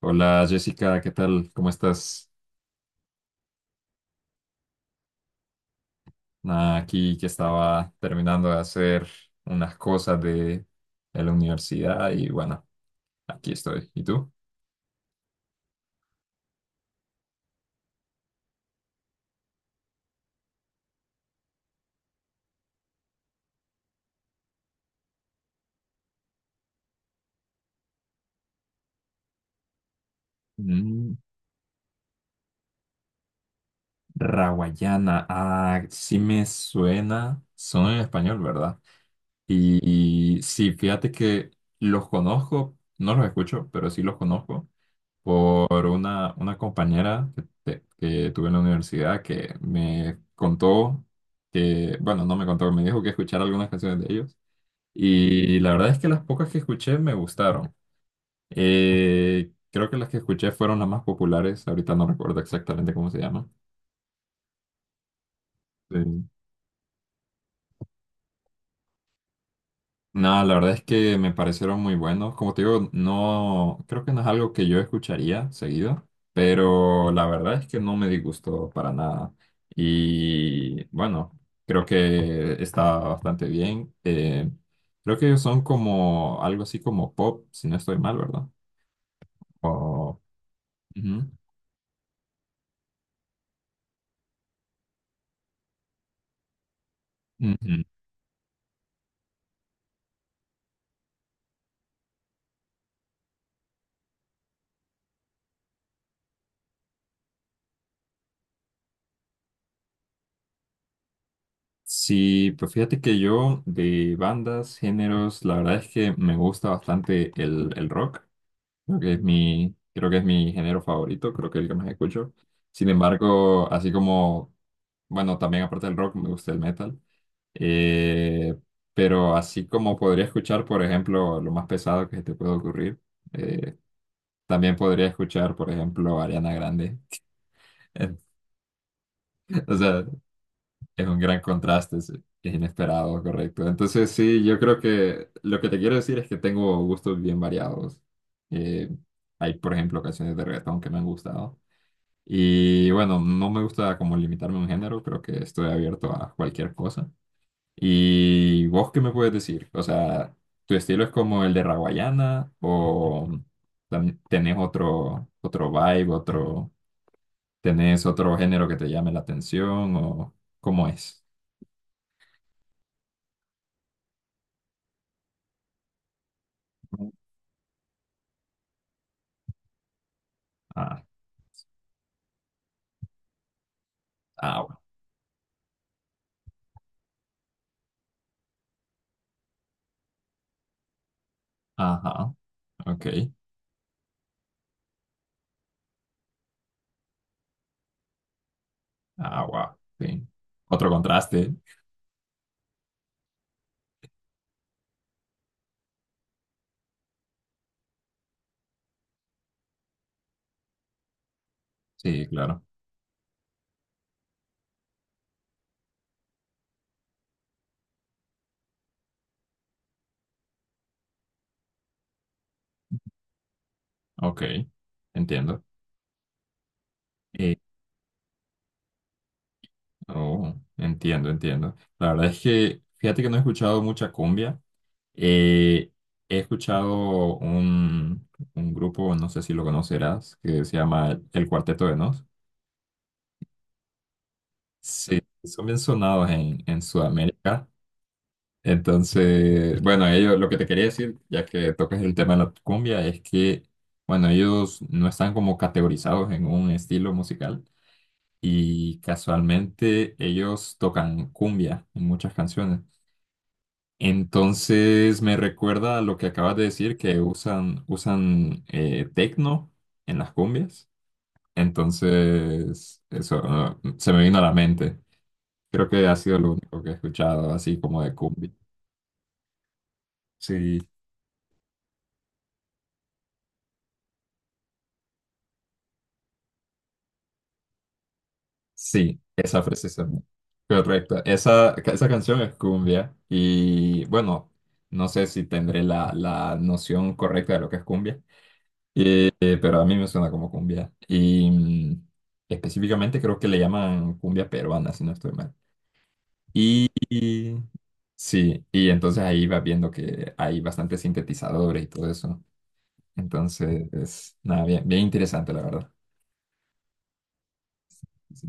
Hola Jessica, ¿qué tal? ¿Cómo estás? Nada, aquí que estaba terminando de hacer unas cosas de la universidad y bueno, aquí estoy. ¿Y tú? Mm, Rawayana, ah, sí me suena, son en español, ¿verdad? Y sí, fíjate que los conozco, no los escucho, pero sí los conozco, por una compañera que tuve en la universidad que me contó que, bueno, no me contó, me dijo que escuchara algunas canciones de ellos. Y la verdad es que las pocas que escuché me gustaron. Creo que las que escuché fueron las más populares, ahorita no recuerdo exactamente cómo se llaman. No, la verdad es que me parecieron muy buenos. Como te digo, no, creo que no es algo que yo escucharía seguido, pero la verdad es que no me disgustó para nada. Y bueno, creo que está bastante bien. Creo que ellos son como algo así como pop, si no estoy mal, ¿verdad? O, ujú. Ujú. Sí, pues fíjate que yo de bandas, géneros, la verdad es que me gusta bastante el rock. Creo que es creo que es mi género favorito, creo que es el que más escucho. Sin embargo, así como, bueno, también aparte del rock, me gusta el metal. Eh, pero así como podría escuchar, por ejemplo, lo más pesado que se te puede ocurrir, eh, también podría escuchar, por ejemplo, Ariana Grande. O sea, es un gran contraste, es inesperado, correcto. Entonces, sí, yo creo que lo que te quiero decir es que tengo gustos bien variados. Eh, Hay, por ejemplo, canciones de reggaetón que me han gustado. Y bueno, no me gusta como limitarme a un género, creo que estoy abierto a cualquier cosa. ¿Y vos qué me puedes decir? O sea, ¿tu estilo es como el de Raguayana o tenés otro vibe, otro, tenés otro género que te llame la atención o cómo es? Ah, agua. Ajá, ok. Agua, sí. Otro contraste. Sí, claro. Ok, entiendo. Oh, entiendo, entiendo. La verdad es que, fíjate que no he escuchado mucha cumbia. Eh, He escuchado un grupo, no sé si lo conocerás, que se llama El Cuarteto de Nos. Sí, son bien sonados en Sudamérica. Entonces, bueno, ellos, lo que te quería decir, ya que tocas el tema de la cumbia, es que, bueno, ellos no están como categorizados en un estilo musical y casualmente ellos tocan cumbia en muchas canciones. Entonces me recuerda a lo que acabas de decir, que usan tecno en las cumbias. Entonces, eso se me vino a la mente. Creo que ha sido lo único que he escuchado, así como de cumbia. Sí, sí, esa precisamente. Correcto. Esa canción es cumbia. Y bueno, no sé si tendré la noción correcta de lo que es cumbia. Pero a mí me suena como cumbia. Y mm, específicamente creo que le llaman cumbia peruana, si no estoy mal. Y, y- sí, y entonces ahí vas viendo que hay bastantes sintetizadores y todo eso. Entonces, es, nada, bien, bien interesante, la verdad. Sí.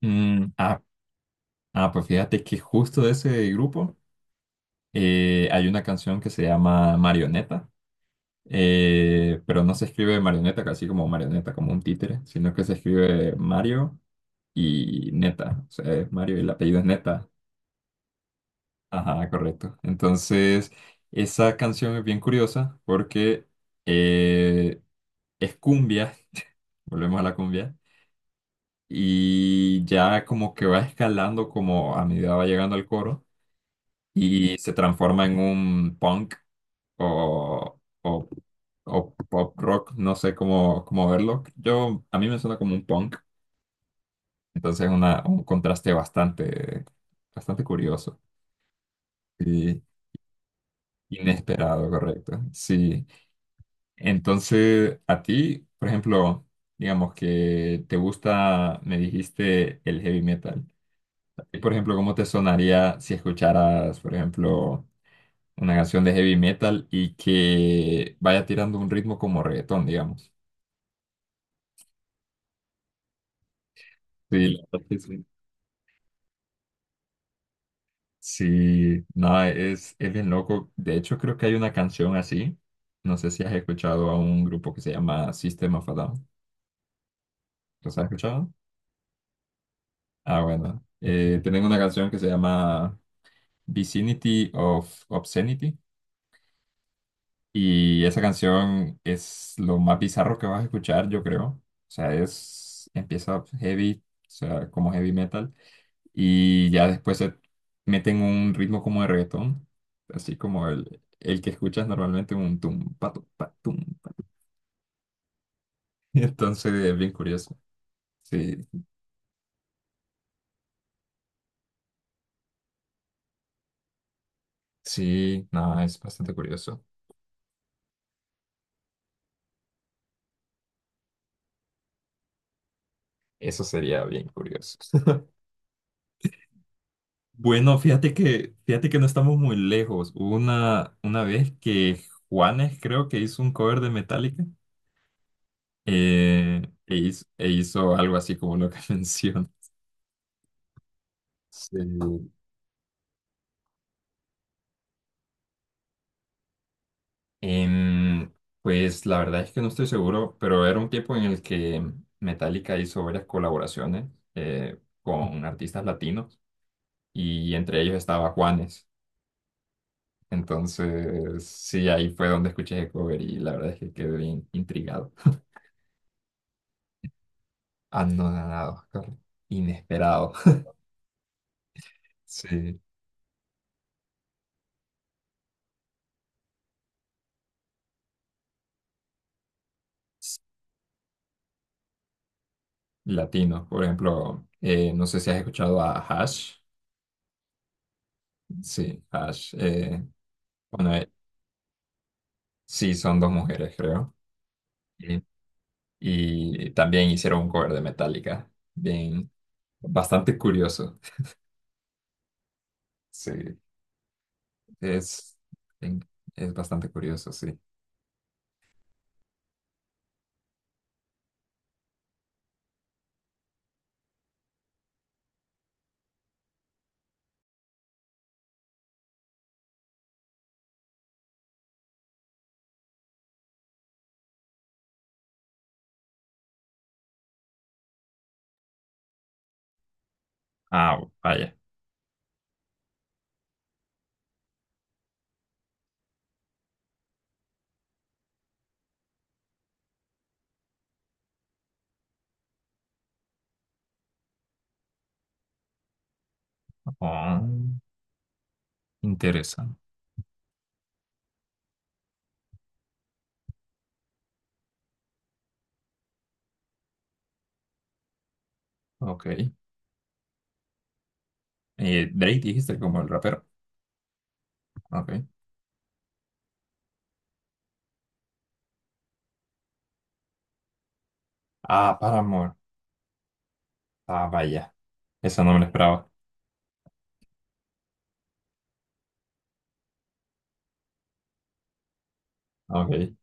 Mm, ah, ah, pues fíjate que justo de ese grupo hay una canción que se llama Marioneta, pero no se escribe marioneta, casi como marioneta, como un títere, sino que se escribe Mario y Neta, o sea, es Mario y el apellido es Neta. Ajá, correcto. Entonces, esa canción es bien curiosa porque eh, es cumbia, volvemos a la cumbia, y ya como que va escalando como a medida va llegando al coro y se transforma en un punk o, o, o pop rock, no sé cómo, cómo verlo. Yo, a mí me suena como un punk, entonces es una, un contraste bastante, bastante curioso. Sí. Inesperado, correcto. Sí. Entonces, a ti, por ejemplo, digamos que te gusta, me dijiste el heavy metal. A ti, por ejemplo, ¿cómo te sonaría si escucharas, por ejemplo, una canción de heavy metal y que vaya tirando un ritmo como reggaetón, digamos? Sí, la verdad que sí. Sí, no, es bien loco. De hecho, creo que hay una canción así. No sé si has escuchado a un grupo que se llama System of a Down. ¿Los has escuchado? Ah, bueno. Tienen una canción que se llama Vicinity of Obscenity y esa canción es lo más bizarro que vas a escuchar, yo creo. O sea, es, empieza heavy, o sea, como heavy metal y ya después se meten un ritmo como de reggaetón, así como el que escuchas normalmente un tumpa, tumpa, tumpa. Entonces es bien curioso. Sí, sí, no, es bastante curioso. Eso sería bien curioso. Bueno, fíjate que no estamos muy lejos. Hubo una vez que Juanes creo que hizo un cover de Metallica e hizo algo así como lo que mencionas. Sí. Em, pues la verdad es que no estoy seguro, pero era un tiempo en el que Metallica hizo varias colaboraciones con artistas latinos y entre ellos estaba Juanes. Entonces, sí, ahí fue donde escuché el cover y la verdad es que quedé bien intrigado. Anonadado, claro. Inesperado. Sí. Latinos, por ejemplo, no sé si has escuchado a Hash. Sí, Hash. Bueno, eh, sí, son dos mujeres, creo. Sí. Y también hicieron un cover de Metallica. Bien, bastante curioso. Sí, es, es bastante curioso, sí. Ah, vaya. Oh, interesante. Ok. Drake dijiste como el rapero. Ok. Ah, Paramore. Ah, vaya. Esa no me la esperaba. Ok.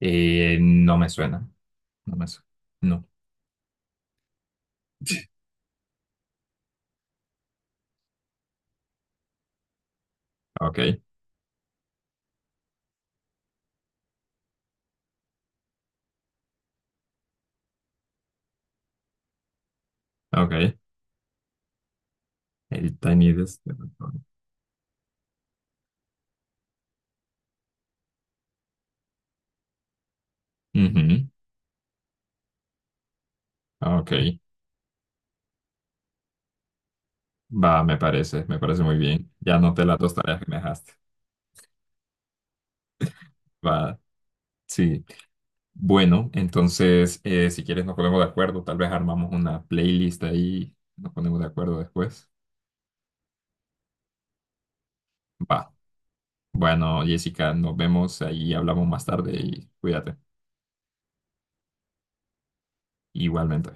No me suena. No me suena. No. Ok. Ok. El Tiny Desk. Ujú. Ok. Va, me parece. Me parece muy bien. Ya anoté las dos tareas que me dejaste. Va. Sí. Bueno, entonces, si quieres nos ponemos de acuerdo. Tal vez armamos una playlist ahí. Nos ponemos de acuerdo después. Va. Bueno, Jessica, nos vemos ahí. Hablamos más tarde y cuídate. Igualmente.